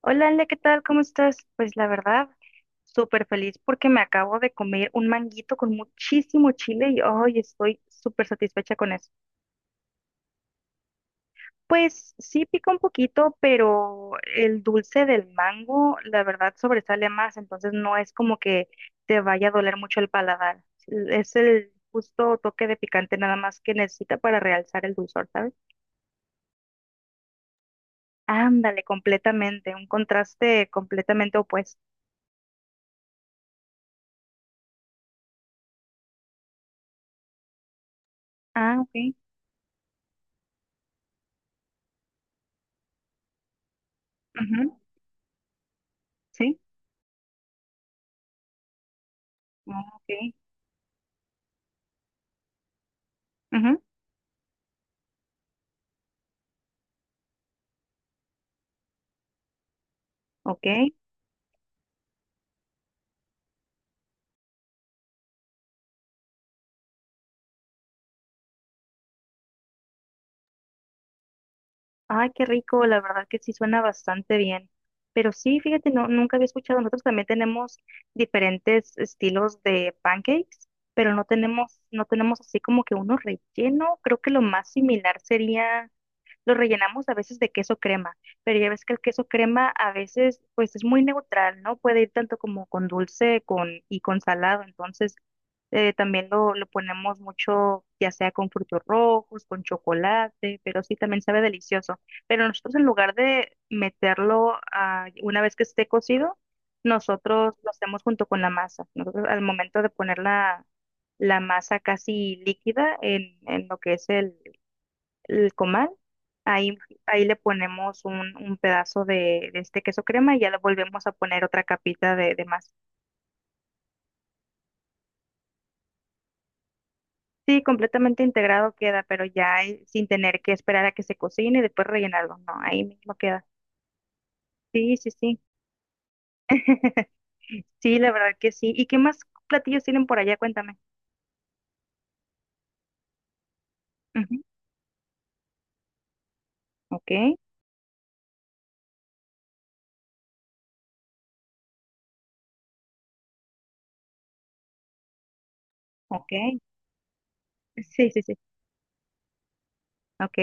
Hola, Ale, ¿qué tal? ¿Cómo estás? Pues la verdad, súper feliz porque me acabo de comer un manguito con muchísimo chile y hoy estoy súper satisfecha con eso. Pues sí pica un poquito, pero el dulce del mango, la verdad, sobresale más, entonces no es como que te vaya a doler mucho el paladar. Es el justo toque de picante nada más que necesita para realzar el dulzor, ¿sabes? Ándale, completamente, un contraste completamente opuesto. Ah, ok. Ujú. Sí. Ah, ok. Ujú. Ok. Ay, qué rico, la verdad que sí suena bastante bien. Pero sí, fíjate, no, nunca había escuchado. Nosotros también tenemos diferentes estilos de pancakes, pero no tenemos así como que uno relleno. Creo que lo más similar sería. Lo rellenamos a veces de queso crema, pero ya ves que el queso crema a veces pues es muy neutral, ¿no? Puede ir tanto como con dulce con, y con salado, entonces también lo ponemos mucho, ya sea con frutos rojos, con chocolate, pero sí también sabe delicioso. Pero nosotros en lugar de meterlo una vez que esté cocido, nosotros lo hacemos junto con la masa. Nosotros al momento de poner la, la masa casi líquida en lo que es el comal. Ahí, ahí le ponemos un pedazo de este queso crema y ya le volvemos a poner otra capita de más. Sí, completamente integrado queda, pero ya sin tener que esperar a que se cocine y después rellenarlo. No, ahí mismo queda. Sí, sí, sí. Sí, la verdad que sí. ¿Y qué más platillos tienen por allá? Cuéntame. Ujú. Ok, ok. Sí, sí, sí. Ok.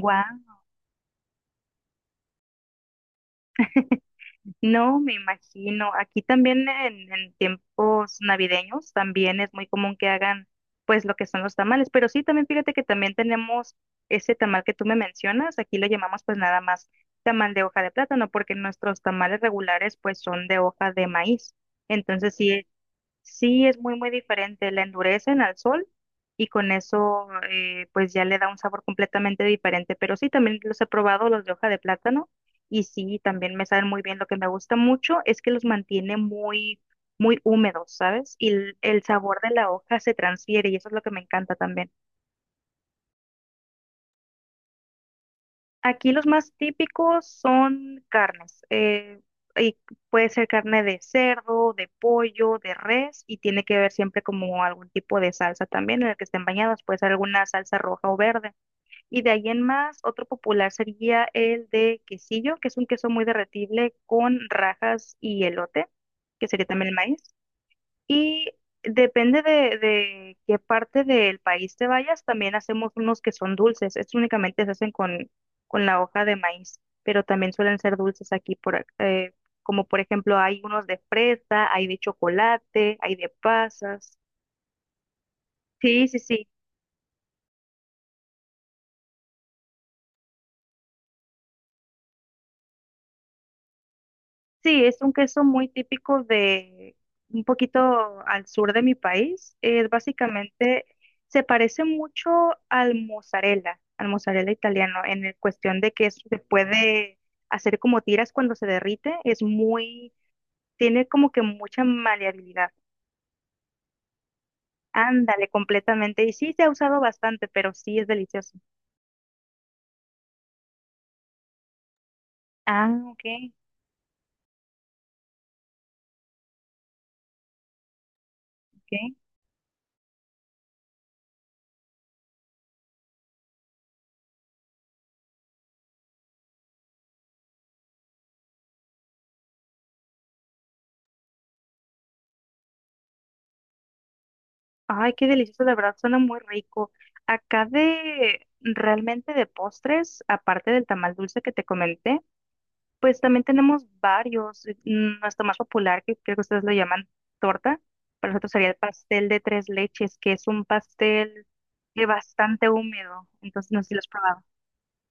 Guau. No, me imagino. Aquí también en tiempos navideños también es muy común que hagan pues lo que son los tamales, pero sí, también fíjate que también tenemos ese tamal que tú me mencionas, aquí lo llamamos pues nada más tamal de hoja de plátano, porque nuestros tamales regulares pues son de hoja de maíz. Entonces sí, sí, es muy, muy diferente. La endurecen al sol y con eso, pues ya le da un sabor completamente diferente. Pero sí, también los he probado, los de hoja de plátano, y sí, también me saben muy bien. Lo que me gusta mucho es que los mantiene muy, muy húmedos, ¿sabes? Y el sabor de la hoja se transfiere y eso es lo que me encanta también. Aquí los más típicos son carnes. Y puede ser carne de cerdo, de pollo, de res, y tiene que ver siempre como algún tipo de salsa también en el que estén bañados. Puede ser alguna salsa roja o verde. Y de ahí en más, otro popular sería el de quesillo, que es un queso muy derretible con rajas y elote, que sería también el maíz. Y depende de qué parte del país te vayas, también hacemos unos que son dulces. Estos únicamente se hacen con la hoja de maíz, pero también suelen ser dulces aquí por, como por ejemplo hay unos de fresa, hay de chocolate, hay de pasas. Sí, sí, sí. Sí, es un queso muy típico de un poquito al sur de mi país. Es básicamente, se parece mucho al mozzarella italiano, en el cuestión de que se puede hacer como tiras cuando se derrite. Es muy, tiene como que mucha maleabilidad. Ándale, completamente. Y sí, se ha usado bastante, pero sí es delicioso. Ah, ok, ok. Ay, qué delicioso, de verdad, suena muy rico. Acá de realmente de postres, aparte del tamal dulce que te comenté, pues también tenemos varios. Nuestro más popular, que creo que ustedes lo llaman torta, para nosotros sería el pastel de tres leches, que es un pastel bastante húmedo. Entonces, no sé si lo has probado.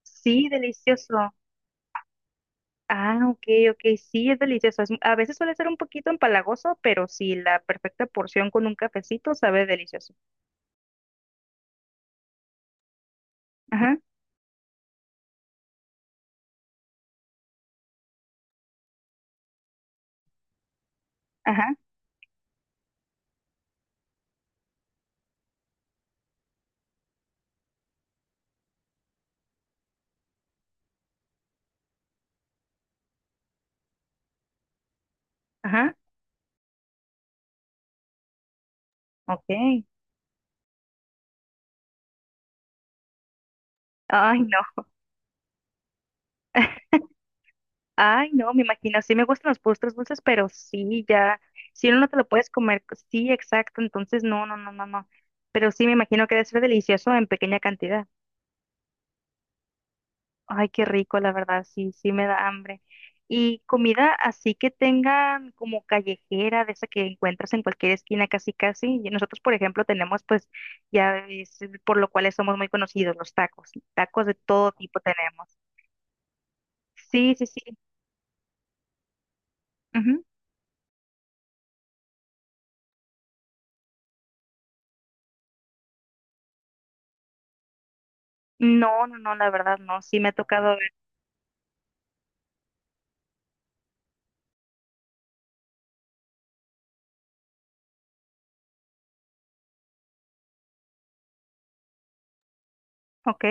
Sí, delicioso. Ah, ok, ok, sí, es delicioso. A veces suele ser un poquito empalagoso, pero sí, la perfecta porción con un cafecito sabe delicioso. Ajá, ajá, ajá. Ok. Ay, no. Ay, no, me imagino. Sí me gustan los postres dulces, pero sí, ya. Si uno no te lo puedes comer. Sí, exacto. Entonces, no, no, no, no, no. Pero sí, me imagino que debe ser delicioso en pequeña cantidad. Ay, qué rico, la verdad. Sí, sí me da hambre. Y comida así que tengan como callejera, de esa que encuentras en cualquier esquina casi casi. Y nosotros, por ejemplo, tenemos pues, ya es por lo cual somos muy conocidos, los tacos. Tacos de todo tipo tenemos. Sí, sí, sí. No, no, no, la verdad no. Sí me ha tocado ver, ok,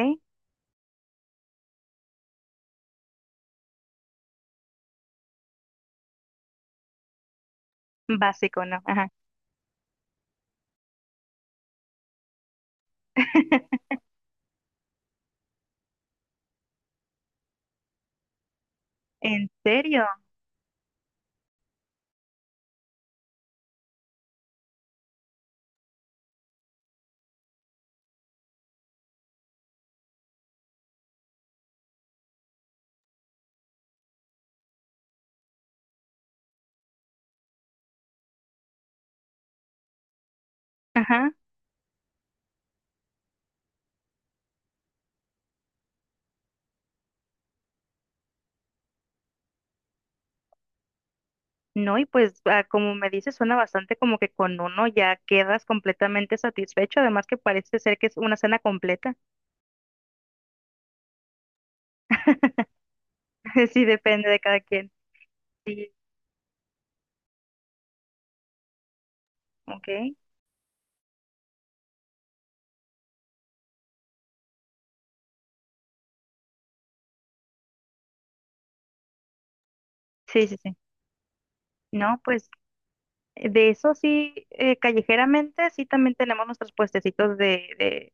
básico, ¿no? Ajá. ¿En serio? Ajá. No, y pues como me dices, suena bastante como que con uno ya quedas completamente satisfecho, además que parece ser que es una cena completa. Sí, depende de cada quien. Sí, ok. Sí, sí, sí. No, pues de eso sí, callejeramente sí también tenemos nuestros puestecitos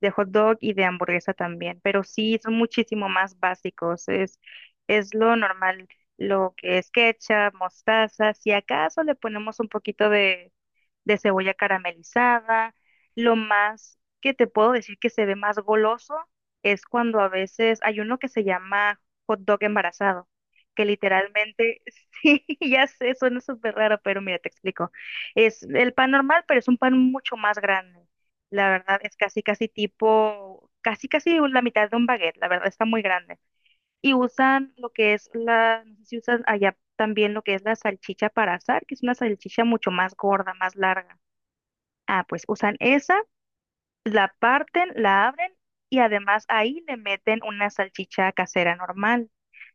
de hot dog y de hamburguesa también, pero sí son muchísimo más básicos, es lo normal, lo que es ketchup, mostaza, si acaso le ponemos un poquito de cebolla caramelizada. Lo más que te puedo decir que se ve más goloso es cuando a veces hay uno que se llama hot dog embarazado, que literalmente, sí, ya sé, suena súper raro, pero mira, te explico. Es el pan normal, pero es un pan mucho más grande. La verdad es casi, casi tipo, casi, casi la mitad de un baguette, la verdad está muy grande. Y usan lo que es la, no sé si usan allá también lo que es la salchicha para asar, que es una salchicha mucho más gorda, más larga. Ah, pues usan esa, la parten, la abren y además ahí le meten una salchicha casera normal.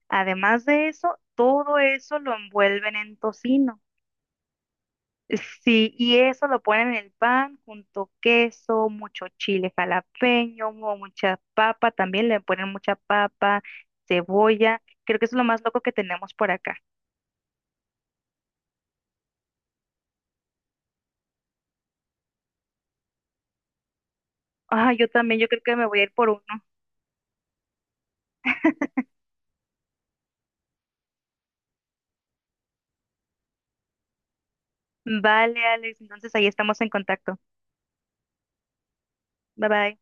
Además de eso, todo eso lo envuelven en tocino. Sí, y eso lo ponen en el pan junto queso, mucho chile jalapeño, o mucha papa, también le ponen mucha papa, cebolla. Creo que eso es lo más loco que tenemos por acá. Ah, yo también, yo creo que me voy a ir por uno. Vale, Alex, entonces ahí estamos en contacto. Bye bye.